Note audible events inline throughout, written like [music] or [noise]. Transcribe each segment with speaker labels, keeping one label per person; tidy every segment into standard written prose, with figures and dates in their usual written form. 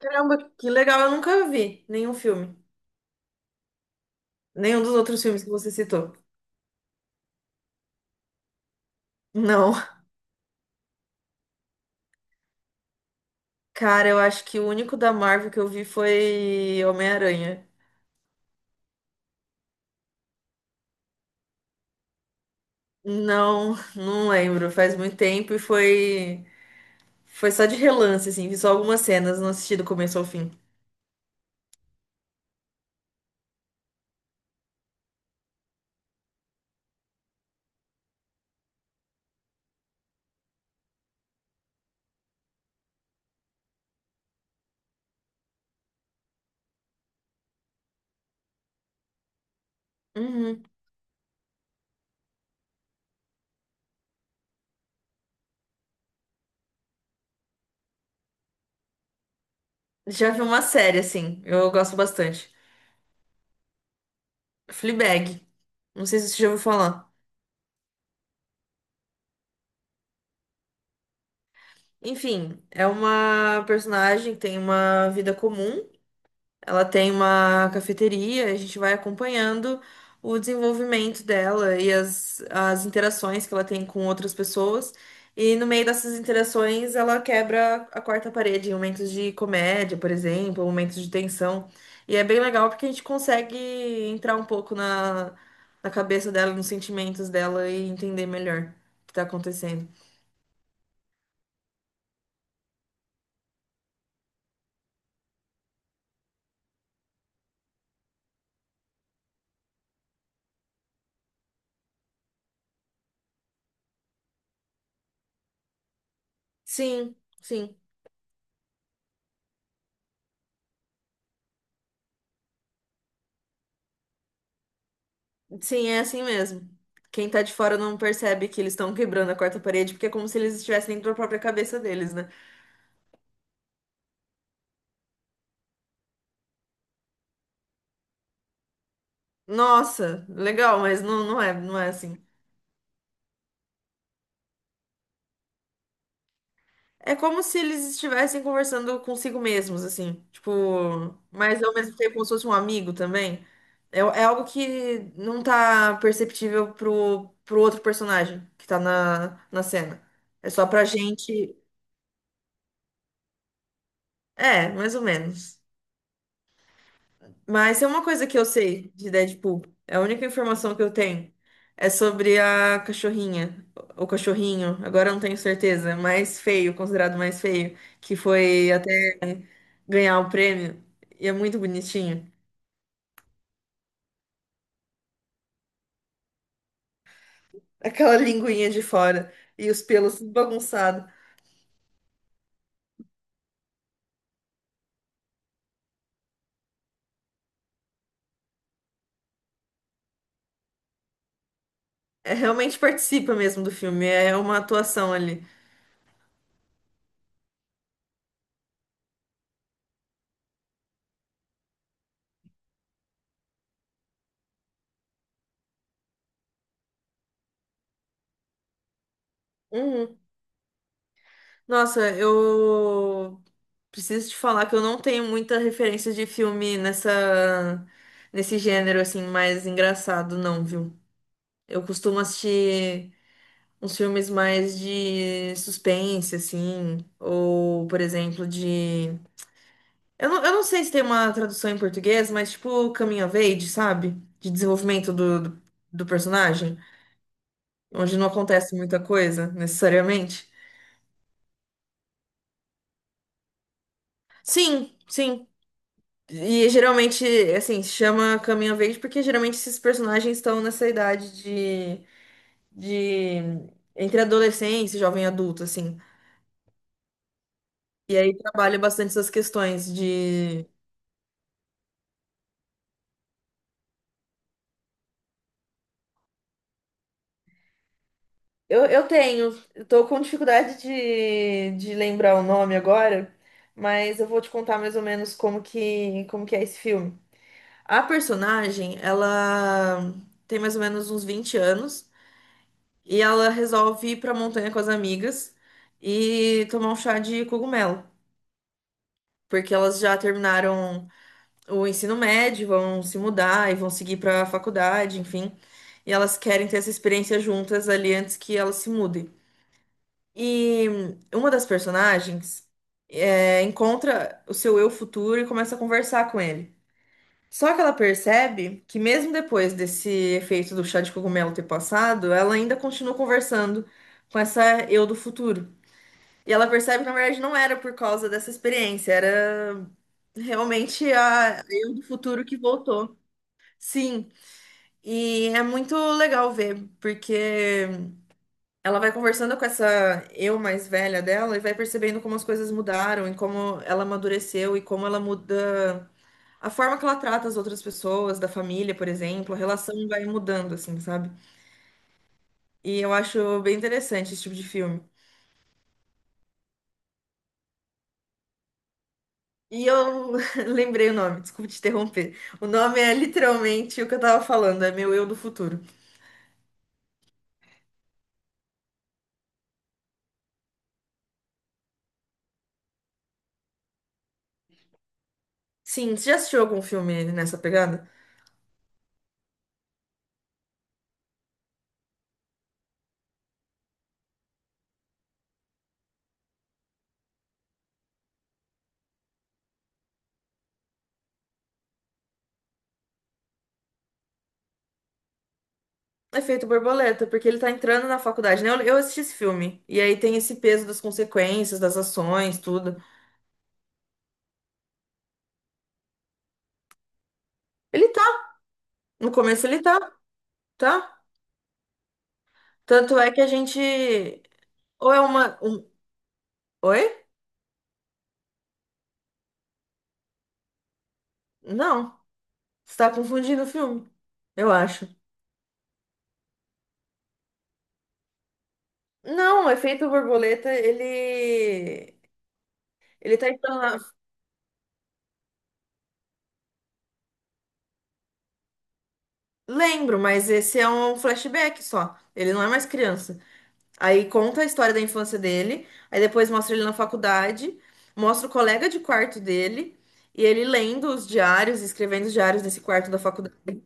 Speaker 1: Caramba, que legal, eu nunca vi nenhum filme. Nenhum dos outros filmes que você citou. Não. Cara, eu acho que o único da Marvel que eu vi foi Homem-Aranha. Não, não lembro. Faz muito tempo e foi. Foi só de relance, assim. Vi só algumas cenas, não assisti do começo ao fim. Uhum. Já vi uma série, assim. Eu gosto bastante. Fleabag. Não sei se você já ouviu falar. Enfim, é uma personagem que tem uma vida comum. Ela tem uma cafeteria, a gente vai acompanhando o desenvolvimento dela e as interações que ela tem com outras pessoas. E no meio dessas interações, ela quebra a quarta parede em momentos de comédia, por exemplo, momentos de tensão. E é bem legal porque a gente consegue entrar um pouco na cabeça dela, nos sentimentos dela e entender melhor o que está acontecendo. Sim, sim. Sim, é assim mesmo. Quem tá de fora não percebe que eles estão quebrando a quarta parede, porque é como se eles estivessem dentro da própria cabeça deles, né? Nossa, legal, mas não, não é assim. É como se eles estivessem conversando consigo mesmos, assim. Tipo, mas ao mesmo tempo como se fosse um amigo também. É, é algo que não tá perceptível pro outro personagem que tá na cena. É só pra gente. É, mais ou menos. Mas é uma coisa que eu sei de Deadpool. É a única informação que eu tenho. É sobre a cachorrinha. O cachorrinho, agora eu não tenho certeza. Mais feio, considerado mais feio. Que foi até ganhar o prêmio. E é muito bonitinho. [laughs] Aquela linguinha de fora. E os pelos bagunçados. É, realmente participa mesmo do filme. É uma atuação ali. Uhum. Nossa, eu preciso te falar que eu não tenho muita referência de filme nessa nesse gênero assim mais engraçado, não, viu? Eu costumo assistir uns filmes mais de suspense, assim, ou, por exemplo, de... eu não sei se tem uma tradução em português, mas tipo coming of age, sabe? De desenvolvimento do personagem, onde não acontece muita coisa, necessariamente. Sim, sim. E geralmente, assim, se chama Caminho Verde porque geralmente esses personagens estão nessa idade de entre adolescência e jovem adulto, assim. E aí trabalha bastante essas questões de. Eu tô com dificuldade de lembrar o nome agora, mas eu vou te contar mais ou menos como que é esse filme. A personagem, ela tem mais ou menos uns 20 anos. E ela resolve ir pra montanha com as amigas e tomar um chá de cogumelo, porque elas já terminaram o ensino médio, vão se mudar e vão seguir pra faculdade, enfim. E elas querem ter essa experiência juntas ali antes que elas se mudem. E uma das personagens encontra o seu eu futuro e começa a conversar com ele. Só que ela percebe que mesmo depois desse efeito do chá de cogumelo ter passado, ela ainda continua conversando com essa eu do futuro. E ela percebe que, na verdade, não era por causa dessa experiência, era realmente a eu do futuro que voltou. Sim, e é muito legal ver, porque ela vai conversando com essa eu mais velha dela e vai percebendo como as coisas mudaram e como ela amadureceu e como ela muda a forma que ela trata as outras pessoas, da família, por exemplo, a relação vai mudando, assim, sabe? E eu acho bem interessante esse tipo de filme. E eu [laughs] lembrei o nome, desculpa te interromper. O nome é literalmente o que eu tava falando, é meu eu do futuro. Sim, você já assistiu algum filme nessa pegada? Efeito Borboleta, porque ele tá entrando na faculdade, né? Eu assisti esse filme. E aí tem esse peso das consequências, das ações, tudo. Ele tá. No começo ele tá, tá? Tanto é que a gente. Ou é uma. Um- Oi? Não. Você tá confundindo o filme, eu acho. Não, o Efeito Borboleta, ele. Ele tá entrando. Lembro, mas esse é um flashback só. Ele não é mais criança. Aí conta a história da infância dele, aí depois mostra ele na faculdade, mostra o colega de quarto dele, e ele lendo os diários, escrevendo os diários desse quarto da faculdade.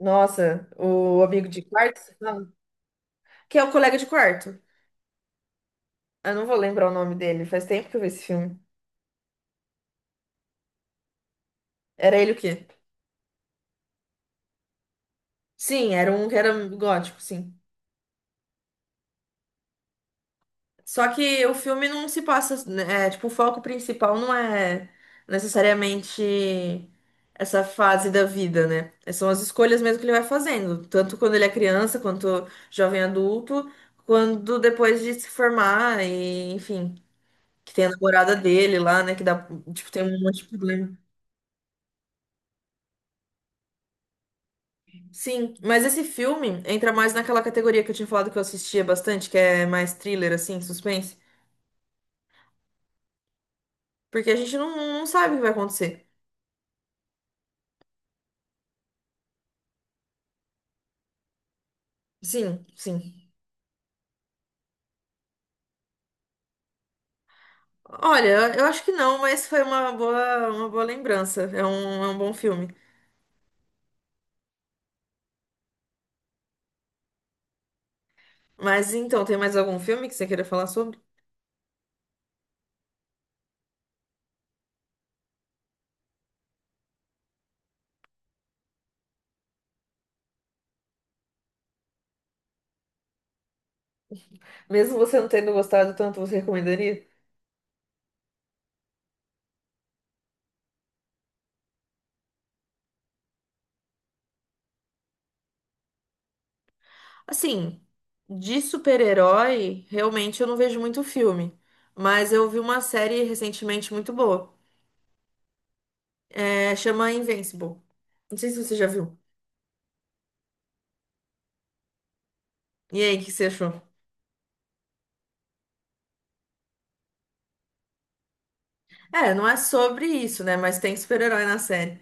Speaker 1: Nossa, o amigo de quarto, você fala? Que é o colega de quarto. Eu não vou lembrar o nome dele, faz tempo que eu vi esse filme. Era ele o quê? Sim, era um que era gótico, sim. Só que o filme não se passa, né, é, tipo, o foco principal não é necessariamente essa fase da vida, né? São as escolhas mesmo que ele vai fazendo, tanto quando ele é criança, quanto jovem adulto, quando depois de se formar e, enfim, que tem a namorada dele lá, né, que dá, tipo, tem um monte de problema. Sim, mas esse filme entra mais naquela categoria que eu tinha falado que eu assistia bastante, que é mais thriller, assim, suspense, porque a gente não sabe o que vai acontecer. Sim, sim. Olha, eu acho que não, mas foi uma boa lembrança. É um bom filme. Mas então, tem mais algum filme que você queira falar sobre? Mesmo você não tendo gostado tanto, você recomendaria? Assim, de super-herói, realmente eu não vejo muito filme. Mas eu vi uma série recentemente muito boa. É, chama Invincible. Não sei se você já viu. E aí, o que você achou? É, não é sobre isso, né? Mas tem super-herói na série.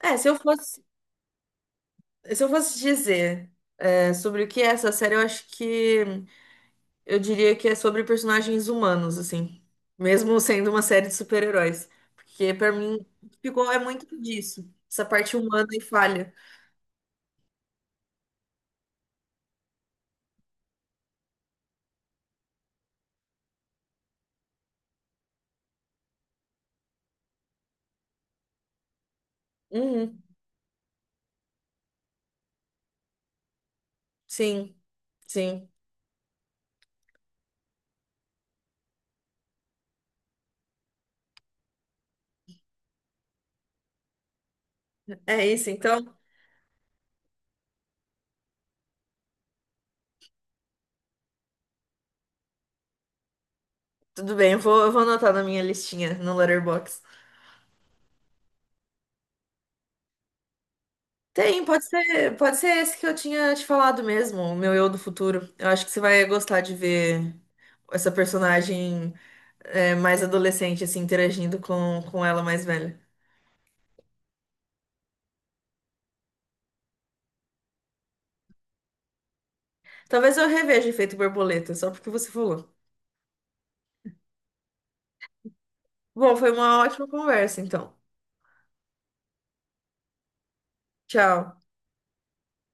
Speaker 1: É, se eu fosse, se eu fosse dizer, é, sobre o que é essa série, eu acho que. Eu diria que é sobre personagens humanos, assim. Mesmo sendo uma série de super-heróis. Porque pra mim ficou é muito disso. Essa parte humana e falha. Uhum, sim, sim. É isso, então. Tudo bem, eu vou anotar na minha listinha no Letterboxd. Tem, pode ser esse que eu tinha te falado mesmo, o meu eu do futuro. Eu acho que você vai gostar de ver essa personagem é, mais adolescente, assim, interagindo com ela mais velha. Talvez eu reveja Efeito Borboleta, só porque você falou. Bom, foi uma ótima conversa, então. Tchau.